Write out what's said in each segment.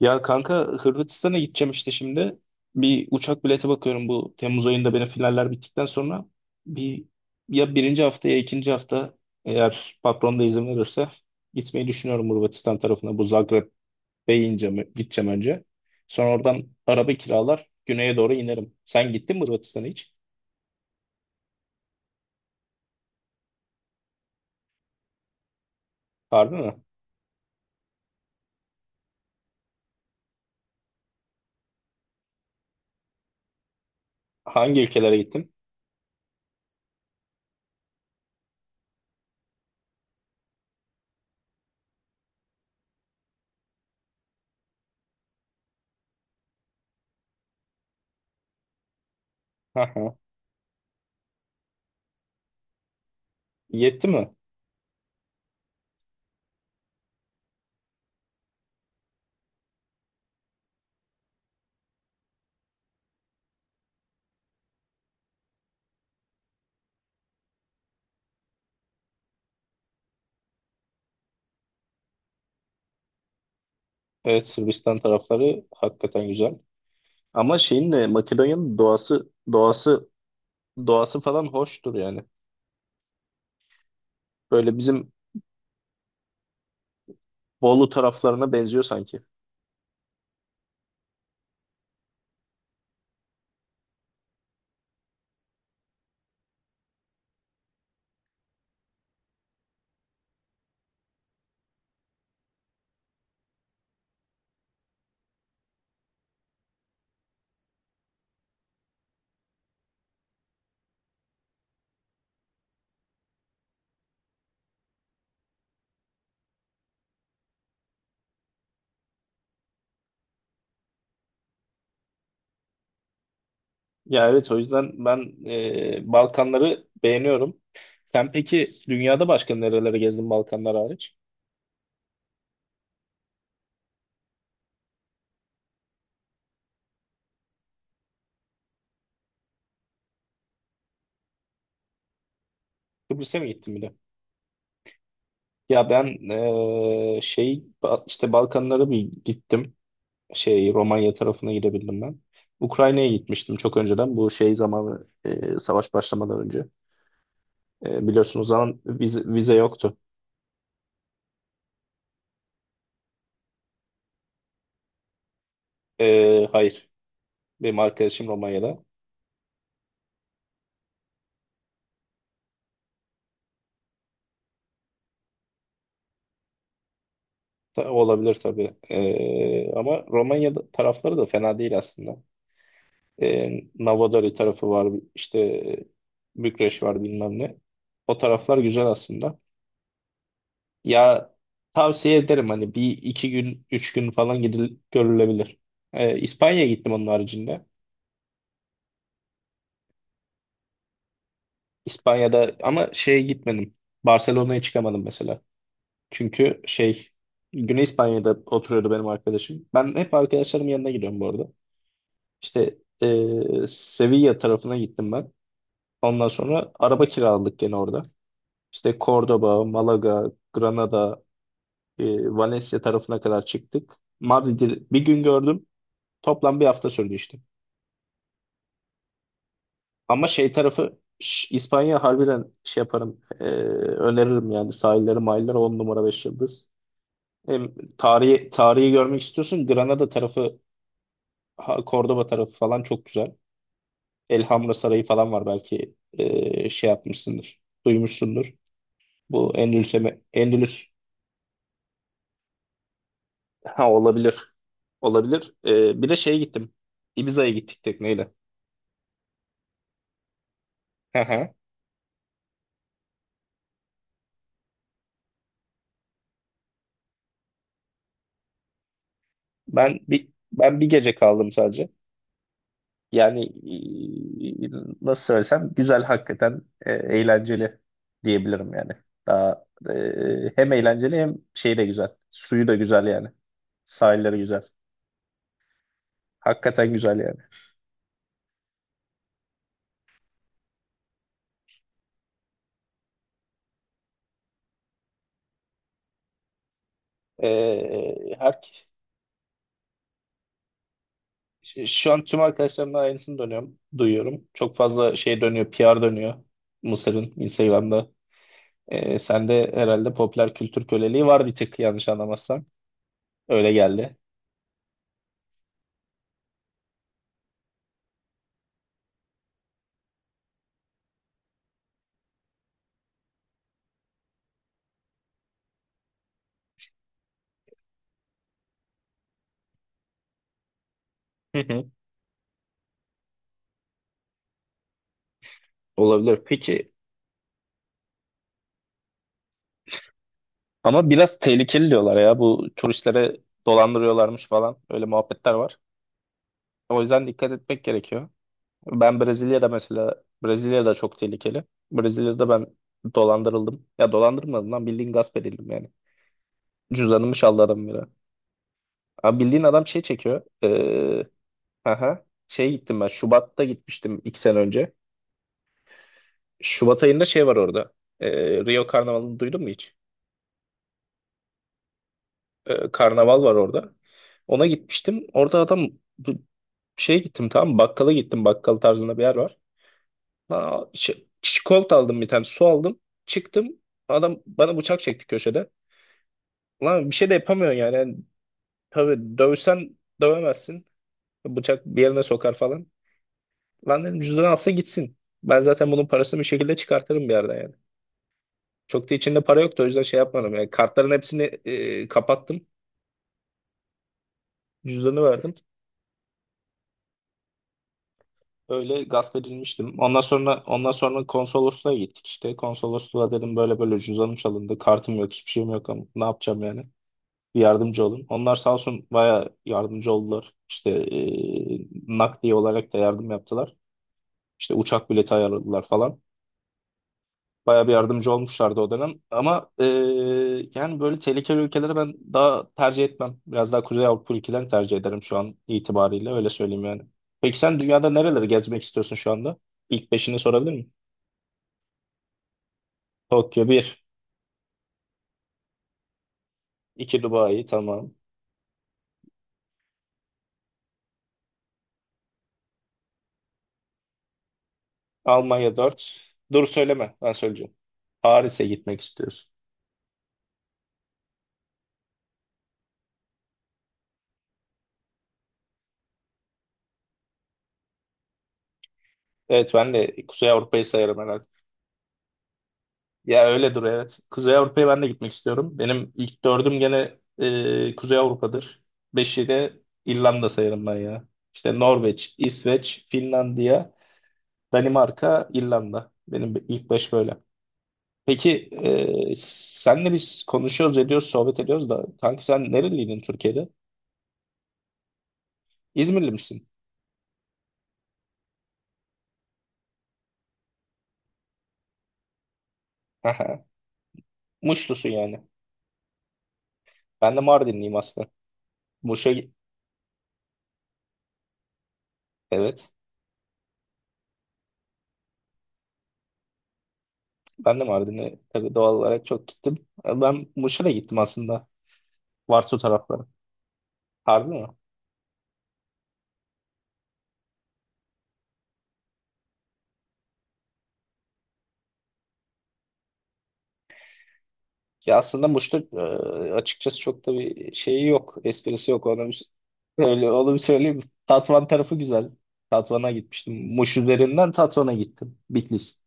Ya kanka, Hırvatistan'a gideceğim işte şimdi. Bir uçak bileti bakıyorum bu Temmuz ayında benim finaller bittikten sonra. Bir ya birinci hafta ya ikinci hafta, eğer patron da izin verirse gitmeyi düşünüyorum Hırvatistan tarafına. Bu Zagreb'e ineceğim, gideceğim önce. Sonra oradan araba kiralar güneye doğru inerim. Sen gittin mi Hırvatistan'a hiç? Harbi mi? Hangi ülkelere gittin? Aha. Yetti mi? Evet, Sırbistan tarafları hakikaten güzel. Ama şeyin de Makedonya'nın doğası. Doğası falan hoştur yani. Böyle bizim Bolu taraflarına benziyor sanki. Ya evet, o yüzden ben Balkanları beğeniyorum. Sen peki dünyada başka nerelere gezdin Balkanlar hariç? Kıbrıs'a mı gittin bir de? Ya ben şey işte Balkanlara bir gittim. Şey Romanya tarafına gidebildim ben. Ukrayna'ya gitmiştim çok önceden. Bu şey zamanı, savaş başlamadan önce. Biliyorsunuz o zaman vize yoktu. Hayır. Benim arkadaşım Romanya'da. Olabilir tabii. Ama Romanya tarafları da fena değil aslında. E, Novodari tarafı var. İşte Bükreş var bilmem ne. O taraflar güzel aslında. Ya tavsiye ederim, hani bir iki gün üç gün falan gidil görülebilir. İspanya'ya gittim onun haricinde. İspanya'da ama şeye gitmedim. Barcelona'ya çıkamadım mesela. Çünkü şey, Güney İspanya'da oturuyordu benim arkadaşım. Ben hep arkadaşlarımın yanına gidiyorum bu arada. İşte Sevilla tarafına gittim ben. Ondan sonra araba kiraladık gene orada. İşte Cordoba, Malaga, Granada, Valencia tarafına kadar çıktık. Madrid'i bir gün gördüm. Toplam bir hafta sürdü işte. Ama şey tarafı İspanya harbiden şey yaparım. Öneririm yani, sahilleri, mahalleleri 10 numara 5 yıldız. E, tarihi görmek istiyorsun. Granada tarafı, Cordoba tarafı falan çok güzel. Elhamra Sarayı falan var, belki şey yapmışsındır, duymuşsundur. Bu Endülüs'e, Endülüs, ha, olabilir. Olabilir. Bir de şeye gittim. Ibiza'ya gittik tekneyle. Hı hı. Ben bir gece kaldım sadece. Yani e, nasıl söylesem, güzel hakikaten, eğlenceli diyebilirim yani. Daha hem eğlenceli, hem şey de güzel. Suyu da güzel yani. Sahilleri güzel. Hakikaten güzel yani. E, her, şu an tüm arkadaşlarımdan aynısını dönüyorum, duyuyorum. Çok fazla şey dönüyor, PR dönüyor. Mısır'ın Instagram'da. Sende herhalde popüler kültür köleliği var bir tık, yanlış anlamazsam. Öyle geldi. Hı hı. Olabilir. Peki Ama biraz tehlikeli diyorlar ya, bu turistlere dolandırıyorlarmış falan, öyle muhabbetler var. O yüzden dikkat etmek gerekiyor. Ben Brezilya'da, mesela Brezilya'da çok tehlikeli. Brezilya'da ben dolandırıldım. Ya dolandırmadım lan, bildiğin gasp edildim yani. Cüzdanımı çaldı adam, biri. Abi bildiğin adam şey çekiyor. Aha, şey gittim ben, Şubat'ta gitmiştim iki sene önce. Şubat ayında şey var orada. Rio Karnavalı'nı duydun mu hiç? Karnaval var orada. Ona gitmiştim. Orada adam bu- şeye gittim, tamam mı? Bakkala gittim. Bakkal tarzında bir yer var. Lan, şey, çikolata aldım bir tane. Su aldım. Çıktım. Adam bana bıçak çekti köşede. Lan, bir şey de yapamıyorsun yani. Yani tabii, dövsen dövemezsin. Bıçak bir yerine sokar falan. Lan dedim, cüzdanı alsa gitsin. Ben zaten bunun parasını bir şekilde çıkartırım bir yerden yani. Çok da içinde para yoktu, o yüzden şey yapmadım. Yani kartların hepsini kapattım. Cüzdanı verdim. Öyle gasp edilmiştim. Ondan sonra konsolosluğa gittik işte. Konsolosluğa dedim böyle böyle cüzdanım çalındı. Kartım yok, hiçbir şeyim yok, ama ne yapacağım yani? Bir yardımcı olun. Onlar sağ olsun, baya yardımcı oldular. İşte nakdi olarak da yardım yaptılar. İşte uçak bileti ayarladılar falan. Bayağı bir yardımcı olmuşlardı o dönem. Ama yani böyle tehlikeli ülkeleri ben daha tercih etmem. Biraz daha Kuzey Avrupa ülkelerini tercih ederim şu an itibariyle. Öyle söyleyeyim yani. Peki sen dünyada nereleri gezmek istiyorsun şu anda? İlk beşini sorabilir miyim? Tokyo bir, 2 Dubai, tamam. Almanya dört. Dur söyleme, ben söyleyeceğim. Paris'e gitmek istiyorsun. Evet, ben de Kuzey Avrupa'yı sayarım. Ya öyledir, evet. Kuzey Avrupa'ya ben de gitmek istiyorum. Benim ilk dördüm gene Kuzey Avrupa'dır. Beşi de İrlanda sayarım ben ya. İşte Norveç, İsveç, Finlandiya, Danimarka, İrlanda. Benim ilk beş böyle. Peki senle biz konuşuyoruz, ediyoruz, sohbet ediyoruz da, kanki sen nereliydin Türkiye'de? İzmirli misin? Aha. Muşlusun yani. Ben de Mardinliyim aslında. Muş'a gi- evet. Ben de Mardin'e tabii, doğal olarak çok gittim. Ben Muş'a da gittim aslında. Varto tarafları. Harbi mi? Ya aslında Muş'ta açıkçası çok da bir şeyi yok. Esprisi yok. Onu bir, öyle, onu bir söyleyeyim. Tatvan tarafı güzel. Tatvan'a gitmiştim. Muş üzerinden Tatvan'a gittim. Bitlis.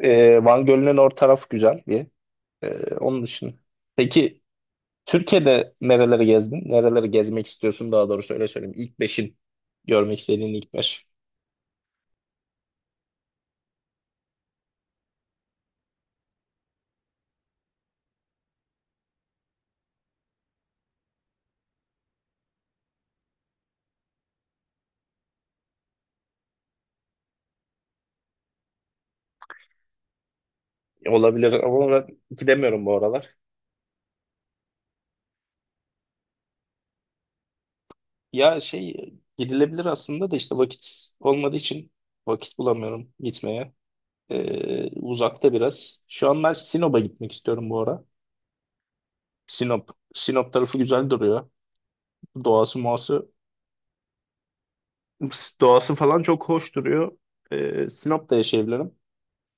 Van Gölü'nün tarafı güzel bir. Onun dışında. Peki Türkiye'de nereleri gezdin? Nereleri gezmek istiyorsun daha doğrusu, öyle söyleyeyim. İlk beşin, görmek istediğin ilk beş. Olabilir ama ben gidemiyorum bu aralar. Ya şey, gidilebilir aslında da, işte vakit olmadığı için vakit bulamıyorum gitmeye. Uzakta biraz. Şu an ben Sinop'a gitmek istiyorum bu ara. Sinop. Sinop tarafı güzel duruyor. Doğası muası doğası falan çok hoş duruyor. Sinop'ta yaşayabilirim.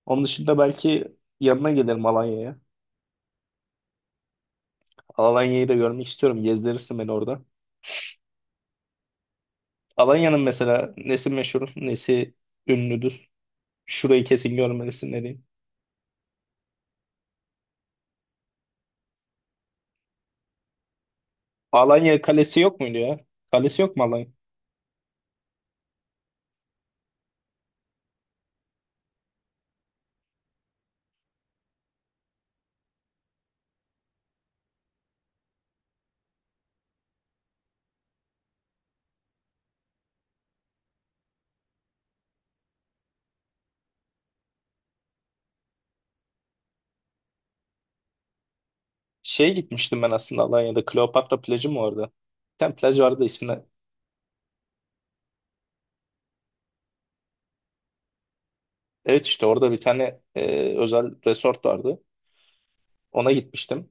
Onun dışında belki yanına gelirim Alanya'ya. Alanya'yı da görmek istiyorum. Gezdirirsin beni orada. Alanya'nın mesela nesi meşhur, nesi ünlüdür? Şurayı kesin görmelisin dediğim. Alanya Kalesi yok muydu ya? Kalesi yok mu Alanya? Şeye gitmiştim ben aslında Alanya'da. Kleopatra plajı mı orada? Bir tane plaj vardı ismine. Evet işte orada bir tane özel resort vardı. Ona gitmiştim.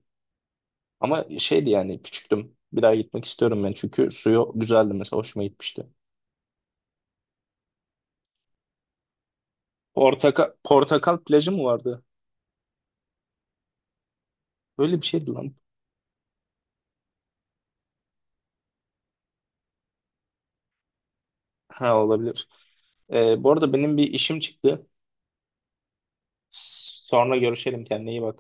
Ama şeydi yani, küçüktüm. Bir daha gitmek istiyorum ben. Çünkü suyu güzeldi mesela. Hoşuma gitmişti. Portakal plajı mı vardı? Böyle bir şeydi lan. Ha, olabilir. Bu arada benim bir işim çıktı. Sonra görüşelim. Kendine iyi bak.